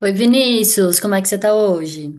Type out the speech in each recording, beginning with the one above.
Oi, Vinícius, como é que você tá hoje?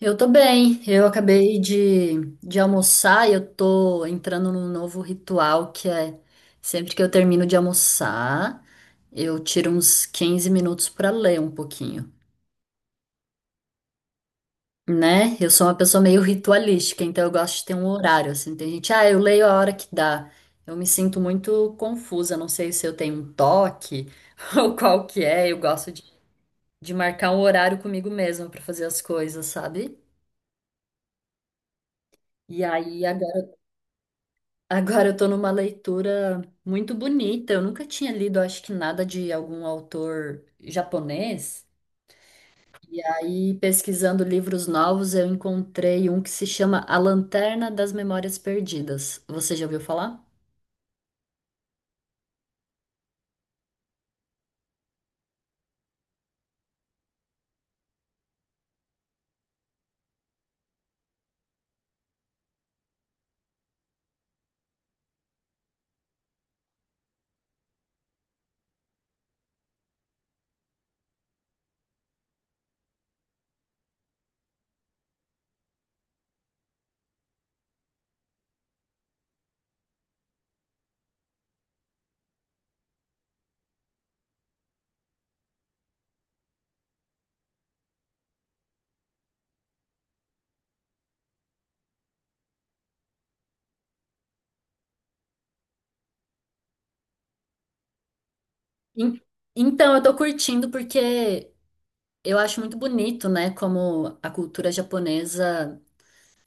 Eu tô bem, eu acabei de almoçar e eu tô entrando num novo ritual que é sempre que eu termino de almoçar, eu tiro uns 15 minutos pra ler um pouquinho, né? Eu sou uma pessoa meio ritualística, então eu gosto de ter um horário, assim, tem gente, ah, eu leio a hora que dá. Eu me sinto muito confusa, não sei se eu tenho um toque ou qual que é, eu gosto de marcar um horário comigo mesma pra fazer as coisas, sabe? E aí agora, agora eu tô numa leitura muito bonita. Eu nunca tinha lido, acho que nada de algum autor japonês. E aí, pesquisando livros novos, eu encontrei um que se chama A Lanterna das Memórias Perdidas. Você já ouviu falar? En- Então, eu tô curtindo porque eu acho muito bonito, né, como a cultura japonesa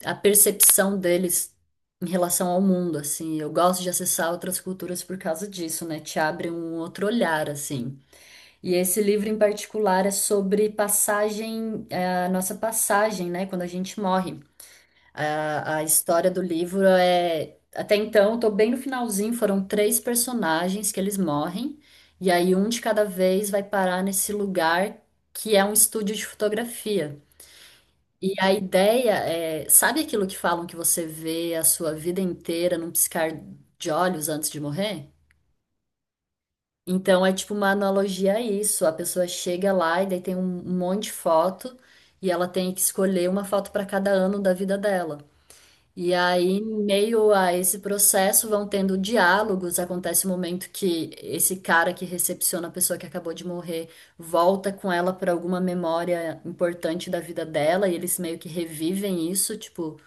a percepção deles em relação ao mundo, assim. Eu gosto de acessar outras culturas por causa disso, né? Te abre um outro olhar, assim. E esse livro em particular é sobre passagem, é, a nossa passagem, né? Quando a gente morre. A história do livro é. Até então, eu tô bem no finalzinho, foram três personagens que eles morrem, e aí um de cada vez vai parar nesse lugar que é um estúdio de fotografia. E a ideia é, sabe aquilo que falam que você vê a sua vida inteira num piscar de olhos antes de morrer? Então é tipo uma analogia a isso. A pessoa chega lá e daí tem um monte de foto e ela tem que escolher uma foto para cada ano da vida dela. E aí, em meio a esse processo, vão tendo diálogos. Acontece um momento que esse cara que recepciona a pessoa que acabou de morrer volta com ela para alguma memória importante da vida dela e eles meio que revivem isso, tipo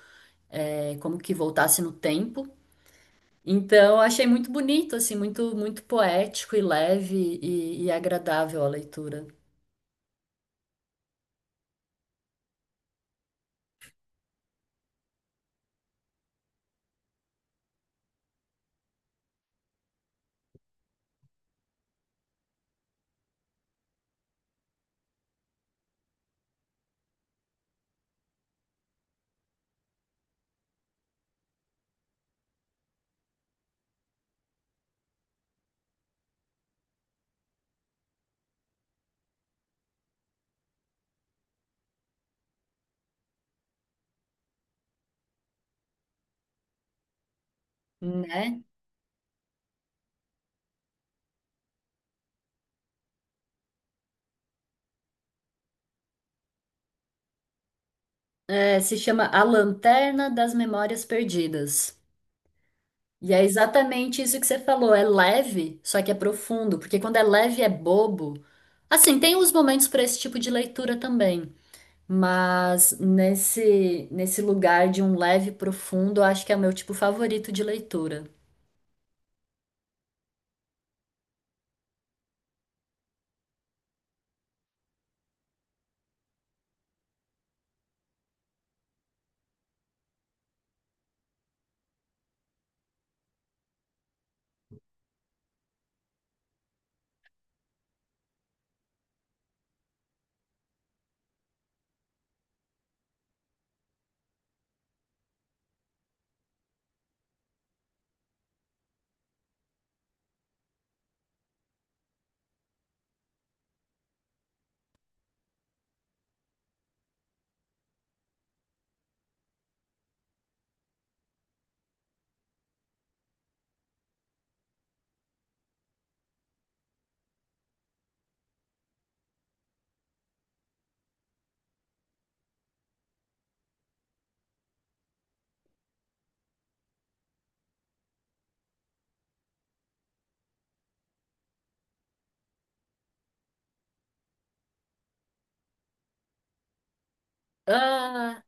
é como que voltasse no tempo. Então, eu achei muito bonito, assim, muito, muito poético e leve e agradável a leitura, né? É, se chama A Lanterna das Memórias Perdidas. E é exatamente isso que você falou, é leve, só que é profundo, porque quando é leve é bobo. Assim, tem os momentos para esse tipo de leitura também, mas nesse lugar de um leve profundo, eu acho que é o meu tipo favorito de leitura. Ah,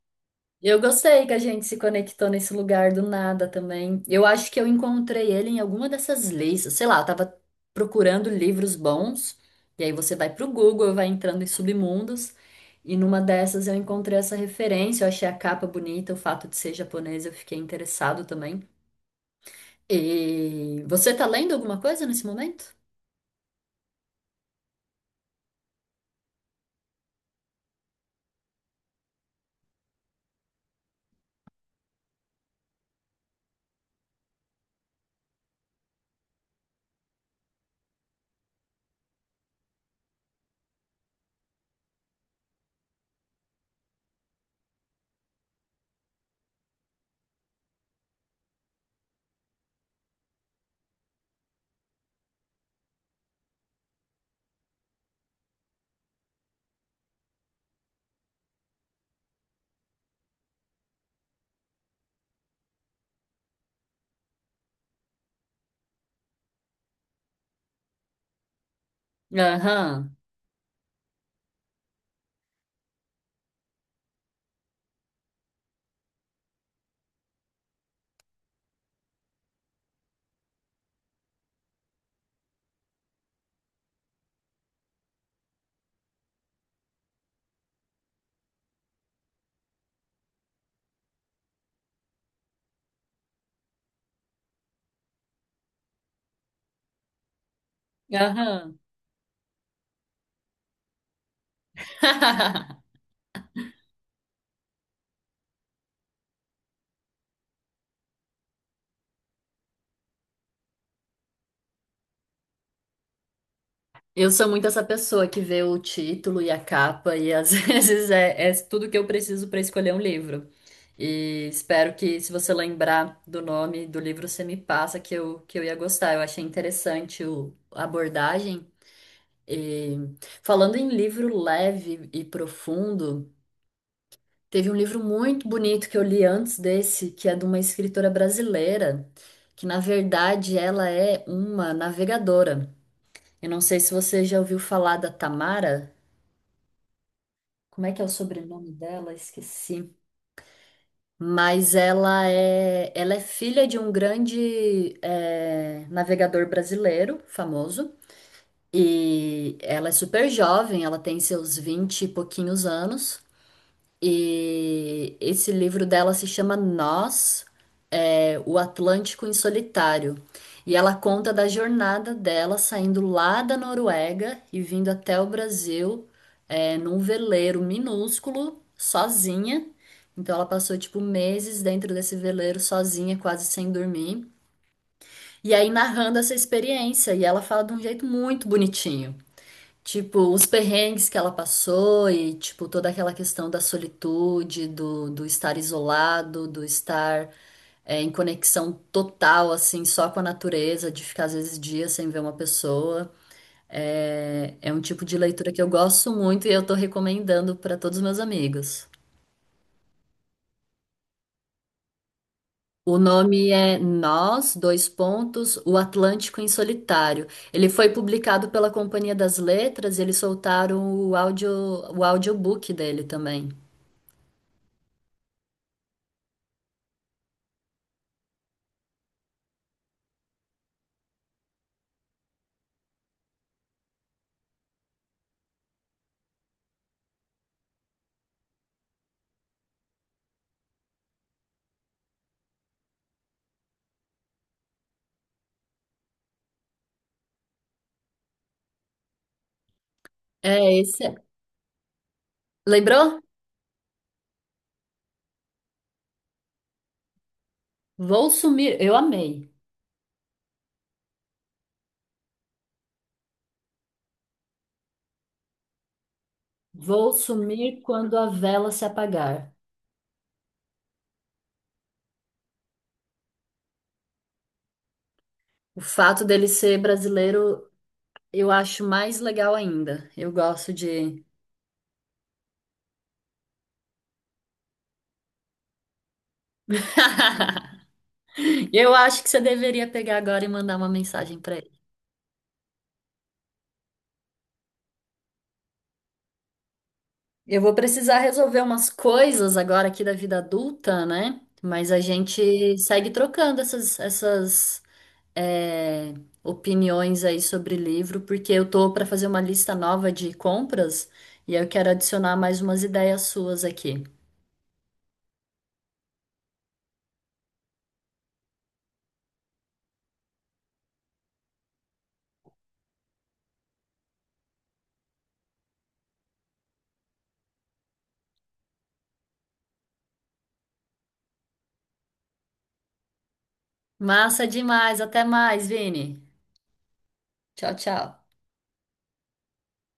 eu gostei que a gente se conectou nesse lugar do nada também. Eu acho que eu encontrei ele em alguma dessas listas. Sei lá, eu tava procurando livros bons. E aí você vai pro Google, vai entrando em submundos. E numa dessas eu encontrei essa referência. Eu achei a capa bonita, o fato de ser japonês, eu fiquei interessado também. E você tá lendo alguma coisa nesse momento? Aham, aham. Eu sou muito essa pessoa que vê o título e a capa, e às vezes é, é tudo que eu preciso para escolher um livro. E espero que, se você lembrar do nome do livro, você me passa que eu ia gostar. Eu achei interessante o, a abordagem. E, falando em livro leve e profundo, teve um livro muito bonito que eu li antes desse, que é de uma escritora brasileira, que na verdade ela é uma navegadora. Eu não sei se você já ouviu falar da Tamara. Como é que é o sobrenome dela? Esqueci. Mas ela é filha de um grande é, navegador brasileiro, famoso. E ela é super jovem, ela tem seus 20 e pouquinhos anos. E esse livro dela se chama Nós. É, O Atlântico em Solitário. E ela conta da jornada dela saindo lá da Noruega e vindo até o Brasil é, num veleiro minúsculo, sozinha. Então ela passou tipo meses dentro desse veleiro sozinha, quase sem dormir. E aí narrando essa experiência. E ela fala de um jeito muito bonitinho. Tipo, os perrengues que ela passou e, tipo, toda aquela questão da solitude, do estar isolado, do estar é, em conexão total, assim, só com a natureza, de ficar às vezes dias sem ver uma pessoa. É, é um tipo de leitura que eu gosto muito e eu tô recomendando para todos os meus amigos. O nome é Nós, dois pontos, O Atlântico em Solitário. Ele foi publicado pela Companhia das Letras e eles soltaram o áudio, o audiobook dele também. É esse. Lembrou? Vou sumir. Eu amei. Vou sumir quando a vela se apagar. O fato dele ser brasileiro, eu acho mais legal ainda. Eu gosto de. Eu acho que você deveria pegar agora e mandar uma mensagem pra ele. Eu vou precisar resolver umas coisas agora aqui da vida adulta, né? Mas a gente segue trocando essas é, opiniões aí sobre livro, porque eu tô para fazer uma lista nova de compras e eu quero adicionar mais umas ideias suas aqui. Massa demais, até mais, Vini. Tchau, tchau.